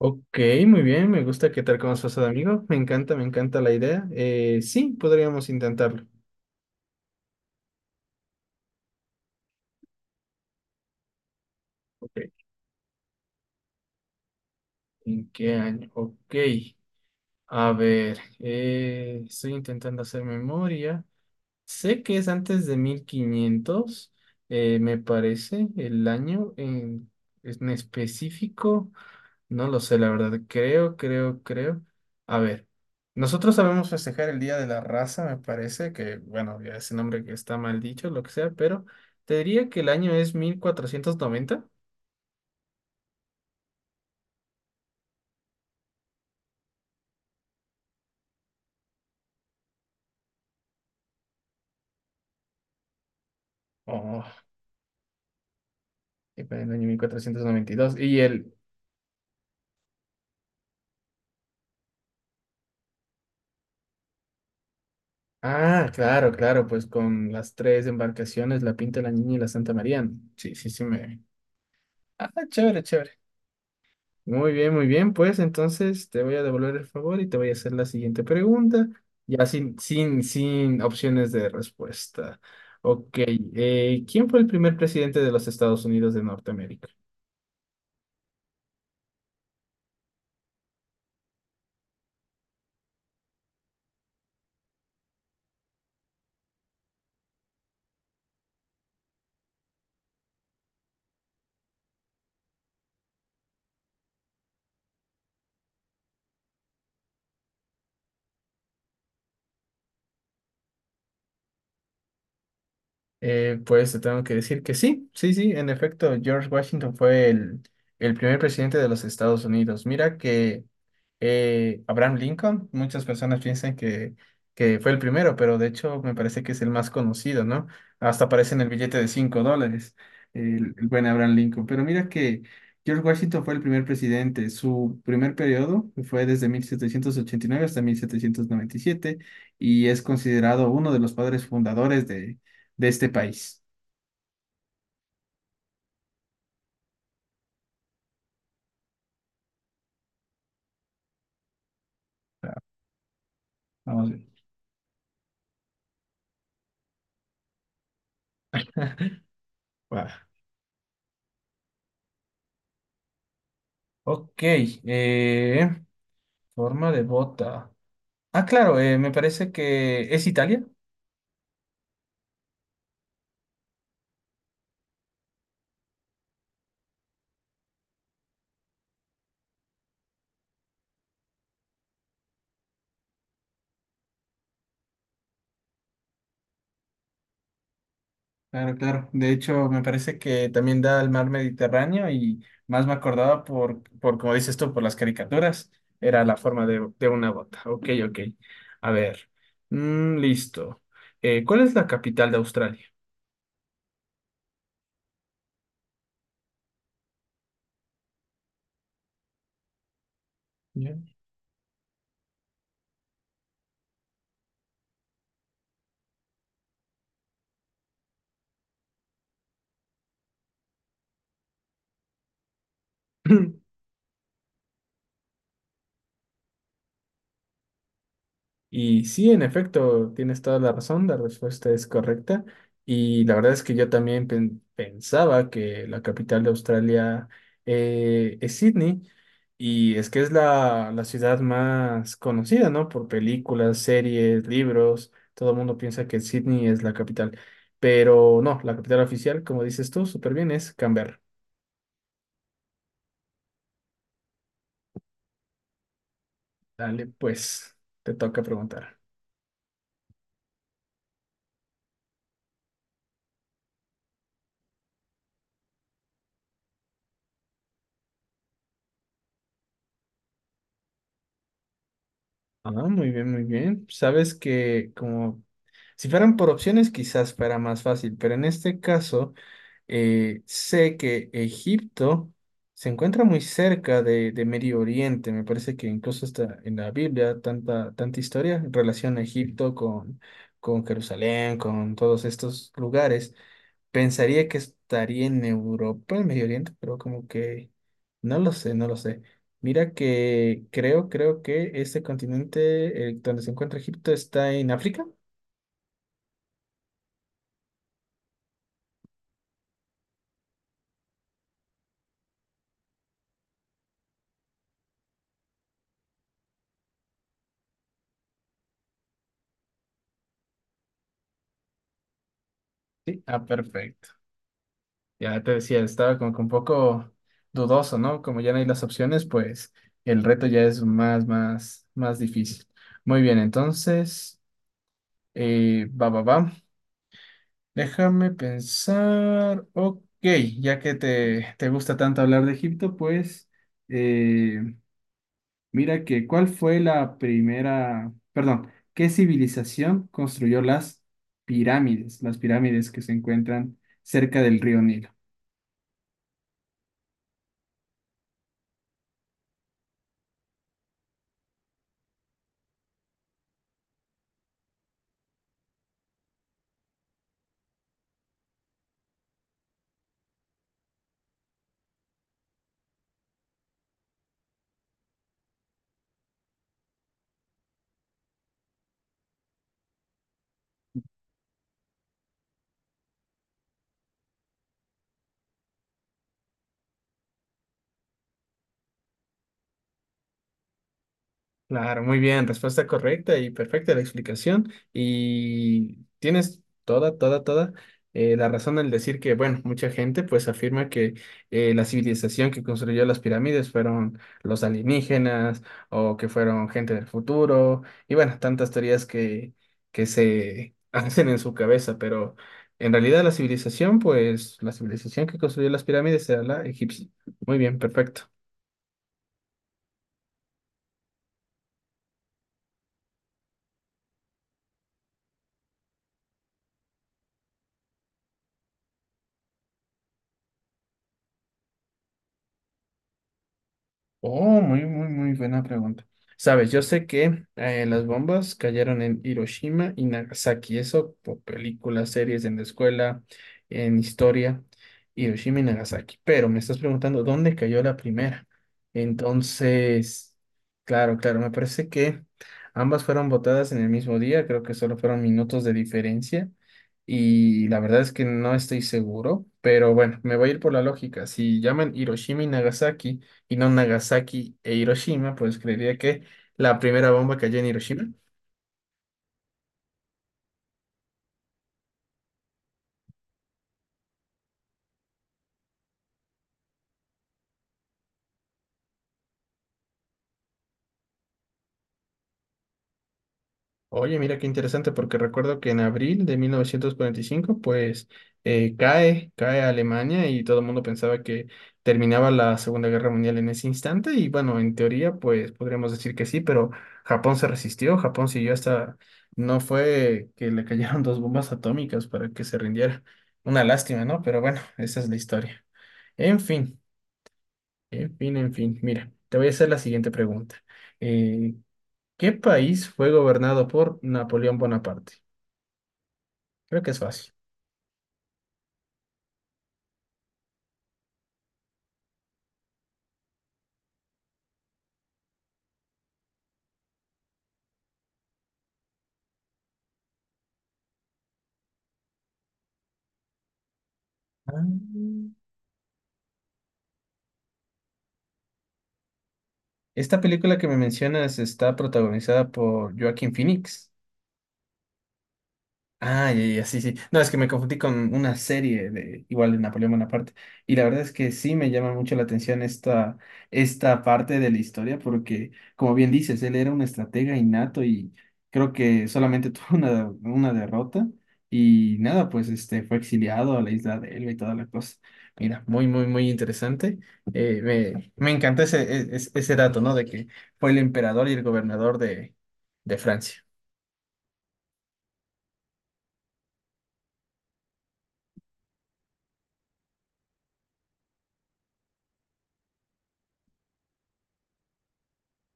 Ok, muy bien, me gusta qué tal como has pasado, amigo. Me encanta la idea. Sí, podríamos intentarlo. Ok, ¿en qué año? Ok, a ver, estoy intentando hacer memoria. Sé que es antes de 1500, me parece, el en específico. No lo sé, la verdad. Creo. A ver, nosotros sabemos festejar el Día de la Raza, me parece, que bueno, ya ese nombre que está mal dicho, lo que sea, pero te diría que el año es mil cuatrocientos noventa. Oh, y para el año 1492. Y dos. Y el... Ah, claro, claro, pues con las tres embarcaciones, la Pinta, la Niña y la Santa María. Sí, sí, sí, me... Ah, chévere, chévere. Muy bien, muy bien. Pues entonces te voy a devolver el favor y te voy a hacer la siguiente pregunta, ya sin opciones de respuesta. Ok, ¿quién fue el primer presidente de los Estados Unidos de Norteamérica? Pues te tengo que decir que sí, sí, sí, en efecto, George Washington fue el primer presidente de los Estados Unidos. Mira que Abraham Lincoln, muchas personas piensan que fue el primero, pero de hecho me parece que es el más conocido, ¿no? Hasta aparece en el billete de 5 dólares, el buen Abraham Lincoln. Pero mira que George Washington fue el primer presidente. Su primer periodo fue desde 1789 hasta mil setecientos noventa y siete y es considerado uno de los padres fundadores de este país. Ah, vamos bien. Wow. Ok, forma de bota. Ah, claro, me parece que es Italia. Claro, claro. De hecho, me parece que también da al mar Mediterráneo y más me acordaba por como dices tú, por las caricaturas, era la forma de una bota. Ok, ok. A ver, mm, listo. ¿Cuál es la capital de Australia? Ya. Y sí, en efecto, tienes toda la razón, la respuesta es correcta. Y la verdad es que yo también pensaba que la capital de Australia es Sydney. Y es que es la ciudad más conocida, ¿no? Por películas, series, libros. Todo el mundo piensa que Sydney es la capital. Pero no, la capital oficial, como dices tú, súper bien, es Canberra. Dale, pues, te toca preguntar. Ah, muy bien, muy bien. Sabes que como si fueran por opciones quizás fuera más fácil, pero en este caso sé que Egipto se encuentra muy cerca de Medio Oriente. Me parece que incluso está en la Biblia tanta historia en relación a Egipto con Jerusalén, con todos estos lugares. Pensaría que estaría en Europa, en Medio Oriente, pero como que no lo sé, no lo sé. Mira que creo que este continente donde se encuentra Egipto está en África. Sí, ah, perfecto. Ya te decía, estaba como que un poco dudoso, ¿no? Como ya no hay las opciones, pues el reto ya es más más difícil. Muy bien, entonces, va. Déjame pensar. Ok, ya que te gusta tanto hablar de Egipto, pues eh, mira que ¿cuál fue la primera, perdón, qué civilización construyó las pirámides que se encuentran cerca del río Nilo? Claro, muy bien, respuesta correcta y perfecta la explicación. Y tienes toda, toda la razón al decir que, bueno, mucha gente pues afirma que la civilización que construyó las pirámides fueron los alienígenas o que fueron gente del futuro y bueno, tantas teorías que se hacen en su cabeza, pero en realidad la civilización, pues la civilización que construyó las pirámides era la egipcia. Muy bien, perfecto. Oh, muy, muy, muy buena pregunta. Sabes, yo sé que las bombas cayeron en Hiroshima y Nagasaki, eso por películas, series en la escuela, en historia, Hiroshima y Nagasaki. Pero me estás preguntando dónde cayó la primera. Entonces, claro, claro, me parece que ambas fueron botadas en el mismo día, creo que solo fueron minutos de diferencia. Y la verdad es que no estoy seguro, pero bueno, me voy a ir por la lógica. Si llaman Hiroshima y Nagasaki, y no Nagasaki e Hiroshima, pues creería que la primera bomba cayó en Hiroshima. Oye, mira qué interesante, porque recuerdo que en abril de 1945 pues cae Alemania y todo el mundo pensaba que terminaba la Segunda Guerra Mundial en ese instante. Y bueno, en teoría, pues podríamos decir que sí, pero Japón se resistió, Japón siguió hasta... No fue que le cayeron dos bombas atómicas para que se rindiera. Una lástima, ¿no? Pero bueno, esa es la historia. En fin. En fin, en fin, mira, te voy a hacer la siguiente pregunta. Eh, ¿Qué país fue gobernado por Napoleón Bonaparte? Creo que es fácil. Ah, esta película que me mencionas está protagonizada por Joaquín Phoenix. Ah, ya, ya, sí, sí. No, es que me confundí con una serie de igual de Napoleón Bonaparte. Y la verdad es que sí me llama mucho la atención esta parte de la historia, porque, como bien dices, él era un estratega innato y creo que solamente tuvo una derrota. Y nada, pues este fue exiliado a la isla de Elba y toda la cosa. Mira, muy, muy, muy interesante. Me encantó ese dato, ¿no? De que fue el emperador y el gobernador de Francia.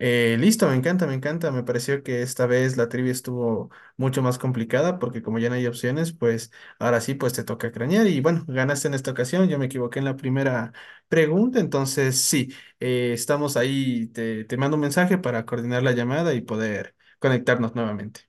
Listo, me encanta, me encanta. Me pareció que esta vez la trivia estuvo mucho más complicada porque como ya no hay opciones, pues ahora sí, pues te toca cranear. Y bueno, ganaste en esta ocasión. Yo me equivoqué en la primera pregunta, entonces sí, estamos ahí. Te mando un mensaje para coordinar la llamada y poder conectarnos nuevamente.